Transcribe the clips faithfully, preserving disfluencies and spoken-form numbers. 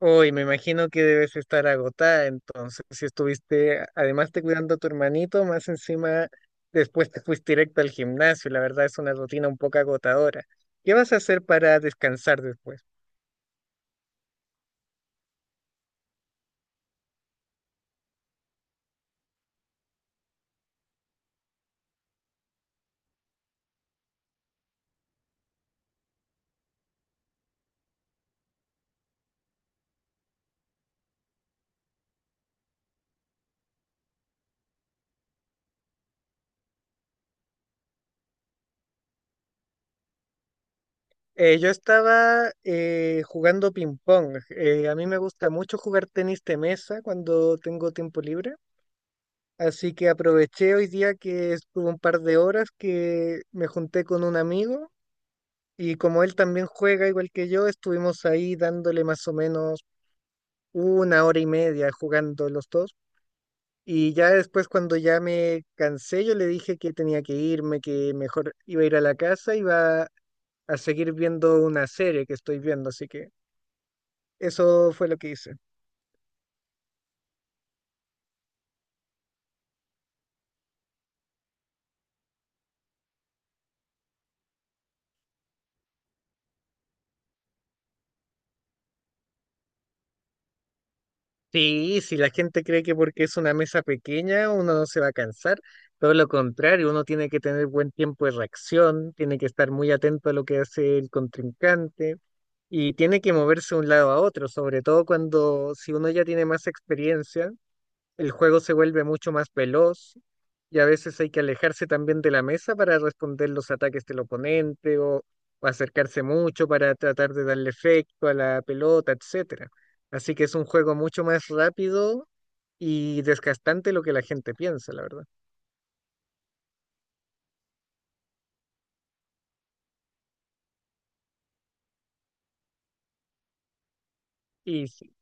Uy, me imagino que debes estar agotada, entonces, si estuviste, además de cuidando a tu hermanito, más encima después te fuiste directo al gimnasio, la verdad es una rutina un poco agotadora. ¿Qué vas a hacer para descansar después? Eh, yo estaba eh, jugando ping-pong. Eh, a mí me gusta mucho jugar tenis de mesa cuando tengo tiempo libre, así que aproveché hoy día que estuve un par de horas que me junté con un amigo. Y como él también juega igual que yo, estuvimos ahí dándole más o menos una hora y media jugando los dos. Y ya después cuando ya me cansé, yo le dije que tenía que irme, que mejor iba a ir a la casa, iba a seguir viendo una serie que estoy viendo. Así que eso fue lo que hice. Sí, si la gente cree que porque es una mesa pequeña uno no se va a cansar, todo lo contrario, uno tiene que tener buen tiempo de reacción, tiene que estar muy atento a lo que hace el contrincante y tiene que moverse de un lado a otro, sobre todo cuando si uno ya tiene más experiencia. El juego se vuelve mucho más veloz y a veces hay que alejarse también de la mesa para responder los ataques del oponente o, o acercarse mucho para tratar de darle efecto a la pelota, etcétera. Así que es un juego mucho más rápido y desgastante lo que la gente piensa, la verdad. Y sí,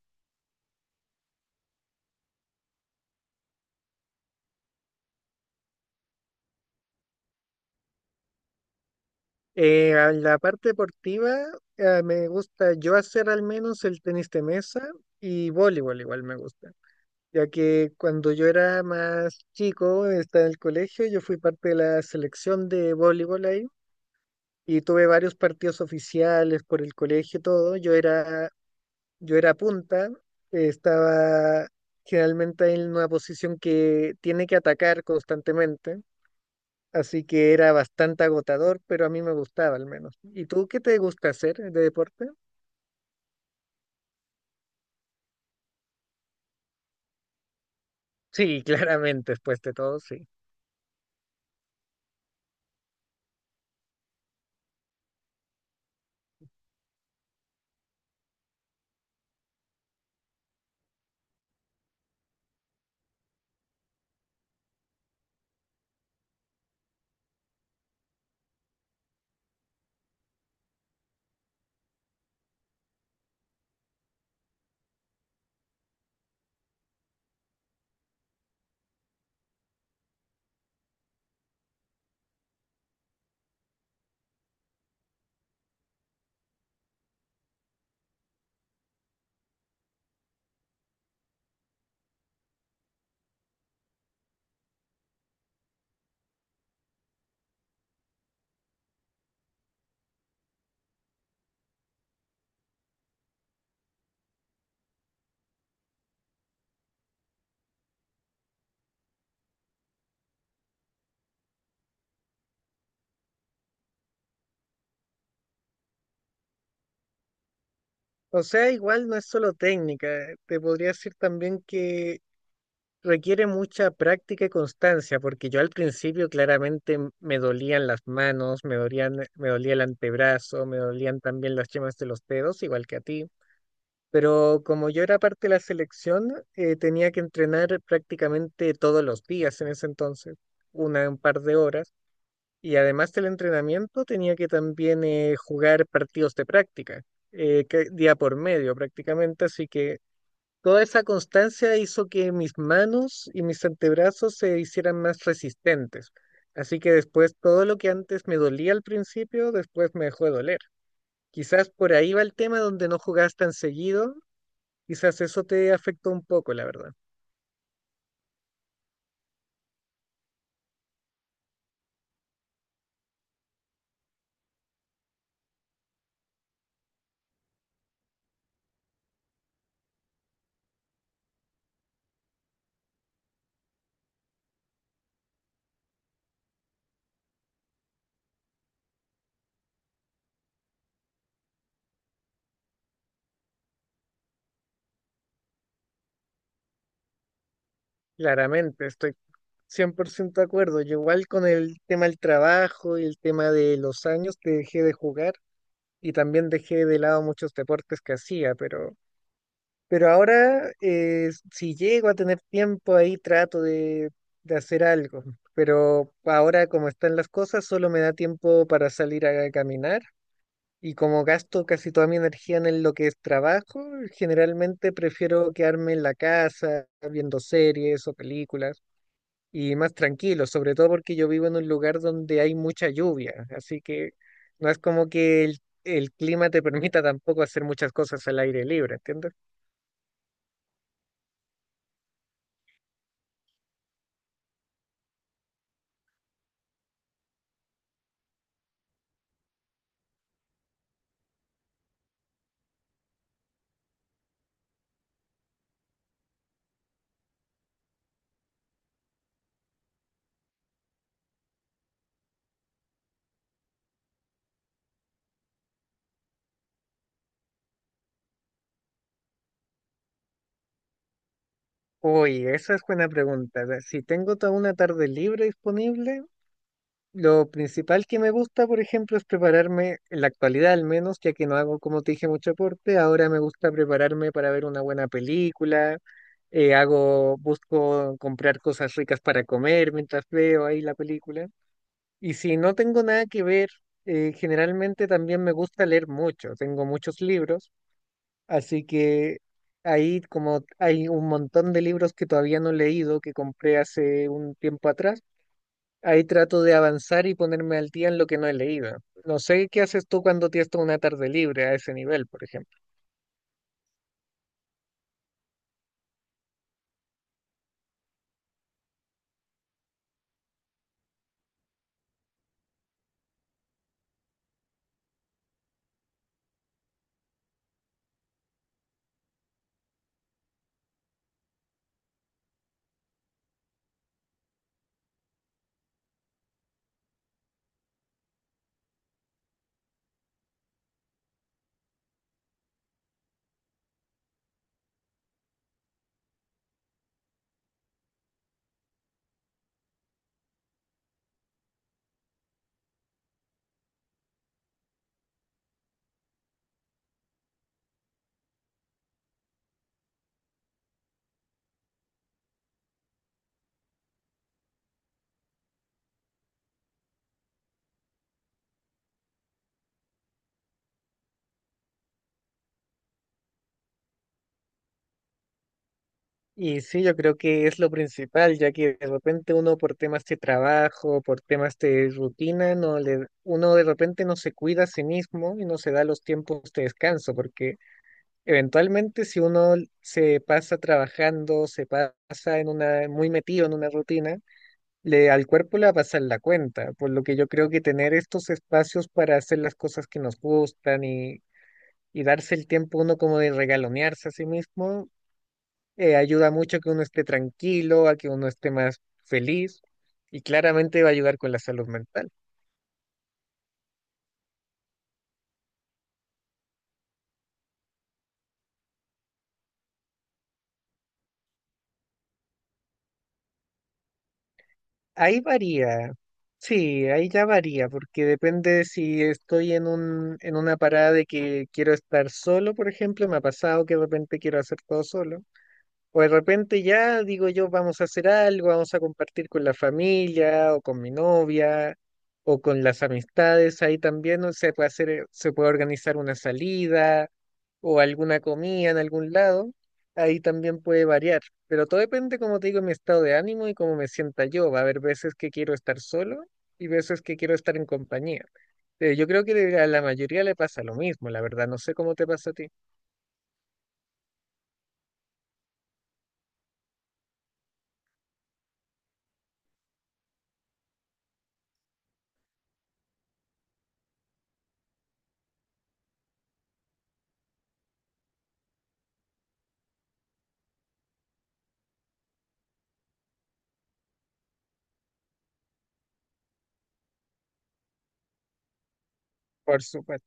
eh, a la parte deportiva eh, me gusta yo hacer al menos el tenis de mesa y voleibol igual me gusta. Ya que cuando yo era más chico, estaba en el colegio, yo fui parte de la selección de voleibol ahí y tuve varios partidos oficiales por el colegio y todo. Yo era, yo era punta, eh, estaba generalmente en una posición que tiene que atacar constantemente, así que era bastante agotador, pero a mí me gustaba al menos. ¿Y tú qué te gusta hacer de deporte? Sí, claramente, después de todo, sí. O sea, igual no es solo técnica, te podría decir también que Requiere mucha práctica y constancia, porque yo al principio claramente m- me dolían las manos, me dolían, me dolía el antebrazo, me dolían también las yemas de los dedos, igual que a ti. Pero como yo era parte de la selección, eh, tenía que entrenar prácticamente todos los días en ese entonces, una, un par de horas. Y además del entrenamiento, tenía que también eh, jugar partidos de práctica, eh, que- día por medio prácticamente, así que Toda esa constancia hizo que mis manos y mis antebrazos se hicieran más resistentes. Así que después todo lo que antes me dolía al principio, después me dejó de doler. Quizás por ahí va el tema donde no jugabas tan seguido, quizás eso te afectó un poco, la verdad. Claramente, estoy cien por ciento de acuerdo. Yo igual con el tema del trabajo y el tema de los años que dejé de jugar y también dejé de lado muchos deportes que hacía, pero Pero ahora, eh, si llego a tener tiempo ahí, trato de, de hacer algo. Pero ahora, como están las cosas, solo me da tiempo para salir a caminar. Y como gasto casi toda mi energía en lo que es trabajo, generalmente prefiero quedarme en la casa viendo series o películas y más tranquilo, sobre todo porque yo vivo en un lugar donde hay mucha lluvia. Así que no es como que el, el clima te permita tampoco hacer muchas cosas al aire libre, ¿entiendes? Uy, esa es buena pregunta. Ve, si tengo toda una tarde libre disponible, lo principal que me gusta, por ejemplo, es prepararme, en la actualidad al menos, ya que no hago, como te dije, mucho deporte, ahora me gusta prepararme para ver una buena película, eh, hago, busco comprar cosas ricas para comer mientras veo ahí la película. Y si no tengo nada que ver, eh, generalmente también me gusta leer mucho, tengo muchos libros. Así que ahí como hay un montón de libros que todavía no he leído, que compré hace un tiempo atrás, ahí trato de avanzar y ponerme al día en lo que no he leído. No sé qué haces tú cuando tienes toda una tarde libre a ese nivel, por ejemplo. Y sí, yo creo que es lo principal, ya que de repente uno por temas de trabajo, por temas de rutina, no le, uno de repente no se cuida a sí mismo y no se da los tiempos de descanso, porque eventualmente, si uno se pasa trabajando, se pasa en una, muy metido en una rutina, le, al cuerpo le va a pasar la cuenta, por lo que yo creo que tener estos espacios para hacer las cosas que nos gustan y, y darse el tiempo uno como de regalonearse a sí mismo, eh, ayuda mucho a que uno esté tranquilo, a que uno esté más feliz y claramente va a ayudar con la salud mental. Ahí varía, sí, ahí ya varía, porque depende de si estoy en un, en una parada de que quiero estar solo, por ejemplo, me ha pasado que de repente quiero hacer todo solo. O de repente ya digo yo, vamos a hacer algo, vamos a compartir con la familia o con mi novia o con las amistades. Ahí también, ¿no?, se puede hacer, eh, se puede organizar una salida o alguna comida en algún lado. Ahí también puede variar. Pero todo depende, como te digo, de mi estado de ánimo y cómo me sienta yo. Va a haber veces que quiero estar solo y veces que quiero estar en compañía. Eh, yo creo que a la mayoría le pasa lo mismo, la verdad. No sé cómo te pasa a ti. Por supuesto.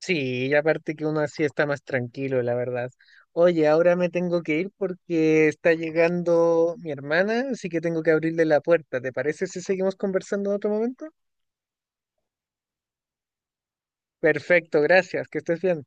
Sí, y aparte que uno así está más tranquilo, la verdad. Oye, ahora me tengo que ir porque está llegando mi hermana, así que tengo que abrirle la puerta. ¿Te parece si seguimos conversando en otro momento? Perfecto, gracias, que estés bien.